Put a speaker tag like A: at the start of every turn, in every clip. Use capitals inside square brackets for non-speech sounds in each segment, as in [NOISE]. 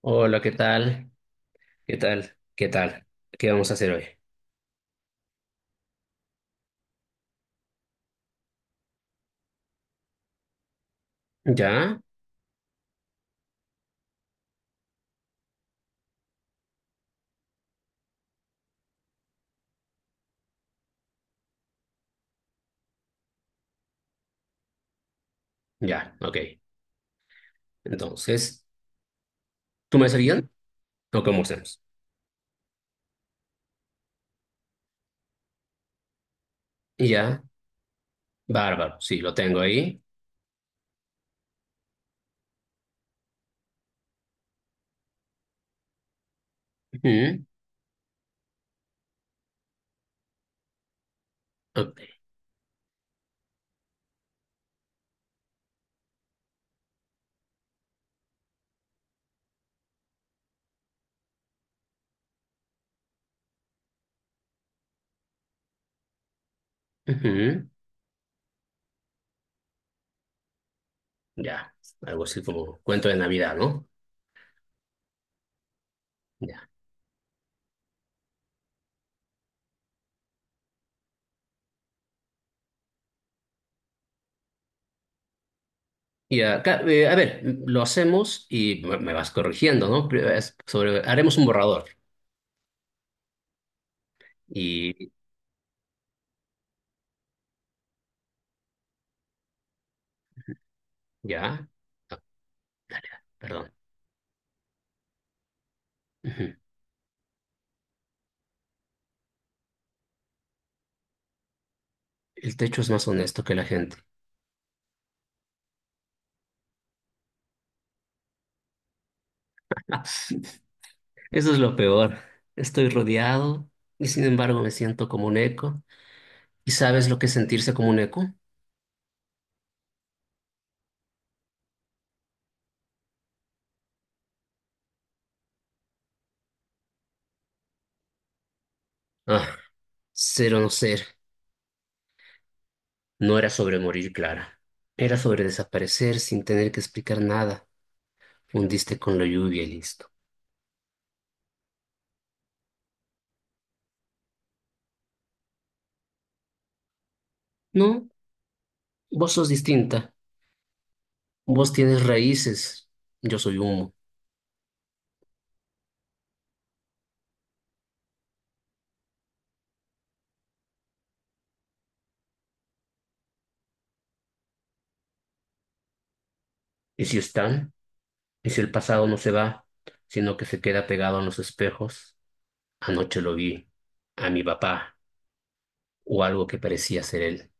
A: Hola, ¿qué tal? ¿Qué tal? ¿Qué tal? ¿Qué vamos a hacer hoy? ¿Ya? Ya, ok. Entonces, ¿tú me seguían? ¿O cómo hacemos? Ya, bárbaro, sí, lo tengo ahí. Ujú, ok, ujú, ya, algo así como cuento de Navidad, ¿no? Ya. A ver, lo hacemos y me vas corrigiendo, ¿no? Pero es sobre, haremos un borrador y ya. Ah, perdón. Ujú. El techo es más honesto que la gente. [LAUGHS] Eso es lo peor. Estoy rodeado y sin embargo me siento como un eco. ¿Y sabes lo que es sentirse como un eco? Ah, Ser o no ser. No era sobre morir, Clara. Era sobre desaparecer sin tener que explicar nada. Fundiste con la lluvia y listo. No, vos sos distinta. Vos tienes raíces. Yo soy humo. ¿Y si están? ¿Y si el pasado no se va, sino que se queda pegado a los espejos? Anoche lo vi. A mi papá. O algo que parecía ser él.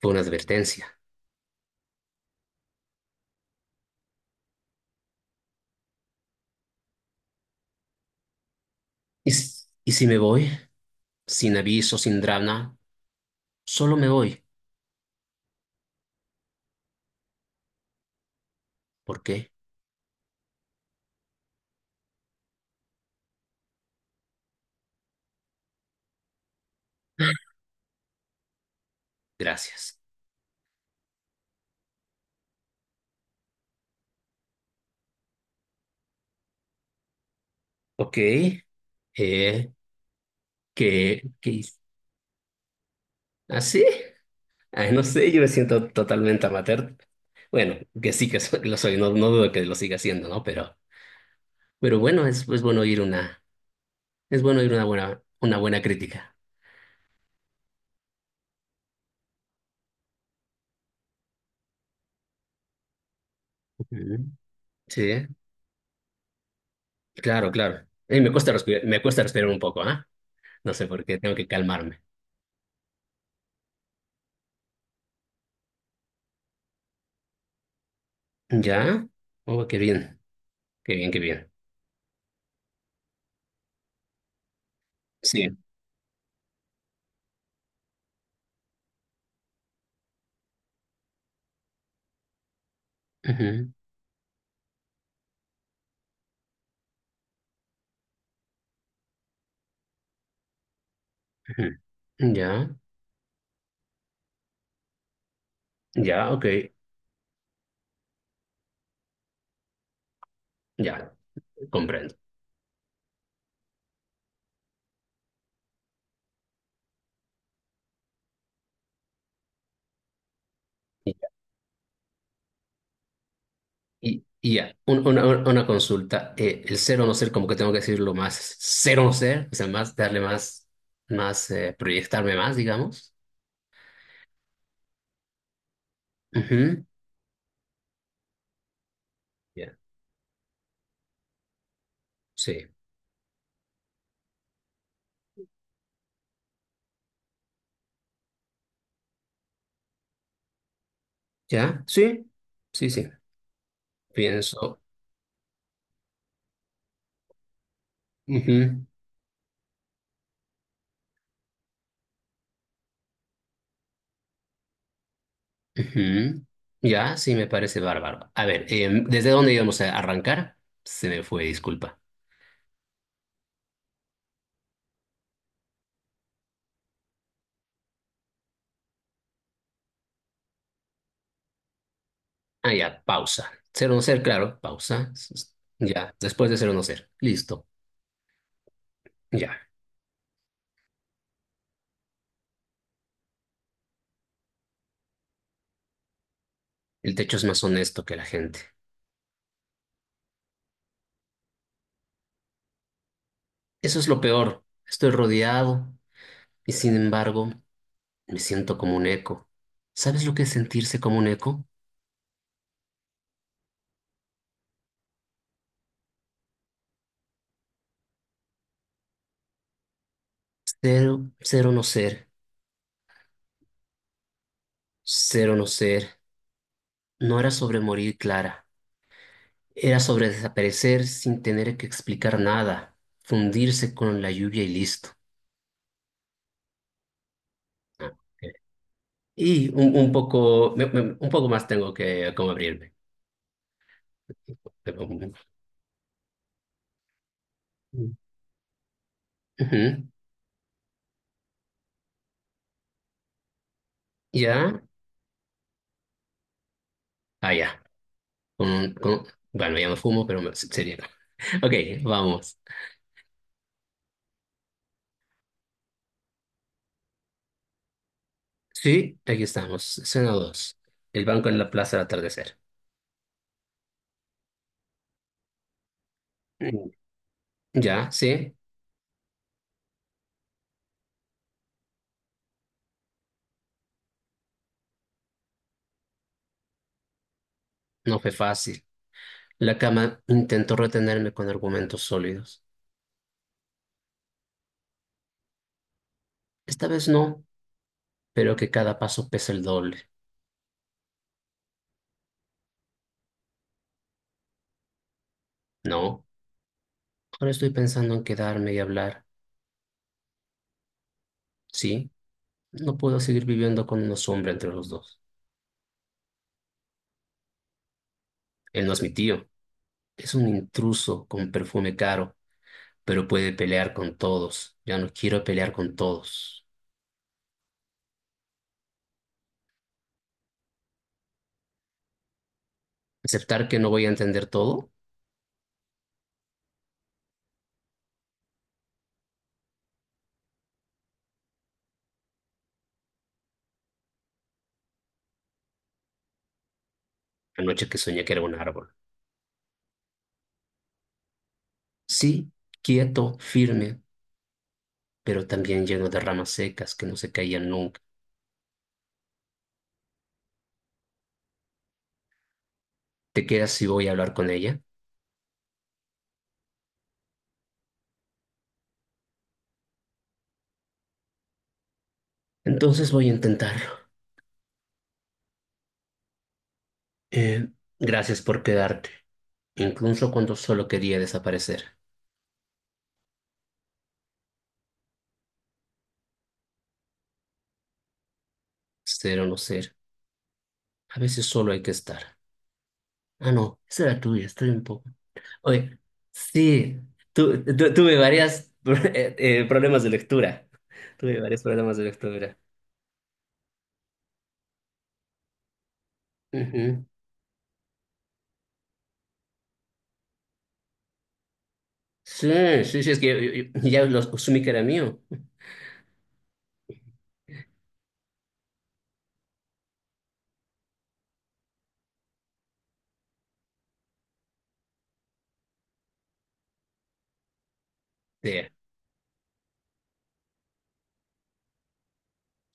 A: Fue una advertencia. ¿ Y si me voy? Sin aviso, sin drama, solo me voy. ¿Por qué? Gracias. Ok. Eh, ¿Qué, qué hice? ¿Ah, sí? Ay, no sé, yo me siento totalmente amateur. Bueno, que sí que lo soy, no, no dudo que lo siga siendo, ¿no? Pero bueno, es bueno es bueno oír una buena crítica. Ujú. Sí, claro, claro. Me cuesta respirar un poco, ¿ah? No sé por qué, tengo que calmarme. ¿Ya? Oh, qué bien, qué bien, qué bien. Sí, ujú, ujú. Ya, ya, ok, ya, comprendo. Y, y ya, una consulta, el ser o no ser, como que tengo que decirlo más, ser o no ser, o sea, más, darle más, más, proyectarme más, digamos. Ujú, ya, sí, ya, sí, sí, sí, pienso. Ujú, ujú, ya, sí, me parece bárbaro. A ver, ¿desde dónde íbamos a arrancar? Se me fue, disculpa. Ah, ya, pausa. Ser o no ser, claro, pausa. Ya, después de ser o no ser. Listo, ya. El techo es más honesto que la gente. Eso es lo peor. Estoy rodeado y sin embargo me siento como un eco. ¿Sabes lo que es sentirse como un eco? Ser, Ser o no ser, ser o no ser. No era sobre morir, Clara. Era sobre desaparecer sin tener que explicar nada. Fundirse con la lluvia y listo. Ah, ok. Un poco, un poco más tengo que como abrirme. Ujú. Ya, ah, ya. Con- con- bueno, ya no fumo, pero sería. [LAUGHS] Ok, vamos. Sí, aquí estamos. Escena dos. El banco en la plaza al atardecer. Mm. Ya, sí, no fue fácil. La cama intentó retenerme con argumentos sólidos. Esta vez no, pero que cada paso pesa el doble. No, ahora estoy pensando en quedarme y hablar. Sí, no puedo seguir viviendo con una sombra entre los dos. Él no es mi tío. Es un intruso con perfume caro, pero puede pelear con todos. Ya no quiero pelear con todos. Aceptar que no voy a entender todo. La noche que soñé que era un árbol. Sí, quieto, firme, pero también lleno de ramas secas que no se caían nunca. ¿Te quedas si voy a hablar con ella? Entonces voy a intentarlo. Eh, gracias por quedarte, incluso cuando solo quería desaparecer. Ser o no ser, a veces solo hay que estar. Ah, no, esa era tuya, estoy un poco. Oye, sí, tuve varias [LAUGHS] problemas de lectura. Tuve varios problemas de lectura. Ujú. Sí, sí, sí, es que ya los asumí que era mío. Sí.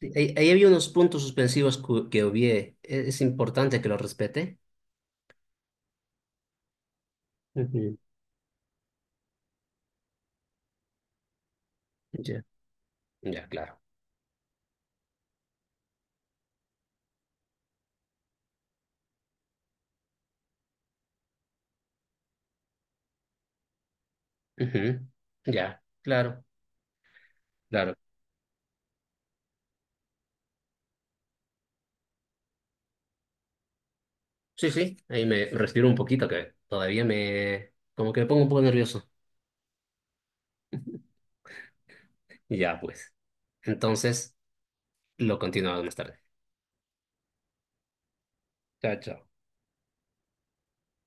A: Sí, ahí, ahí había unos puntos suspensivos que obvié. Es importante que los respete. Ujú. Ya, ya, claro. Ujú. Ya, claro, claro. Sí, sí, ahí me respiro un poquito que todavía me, como que me pongo un poco nervioso. Ya, pues. Entonces. Lo continuamos más tarde. Chao, chao.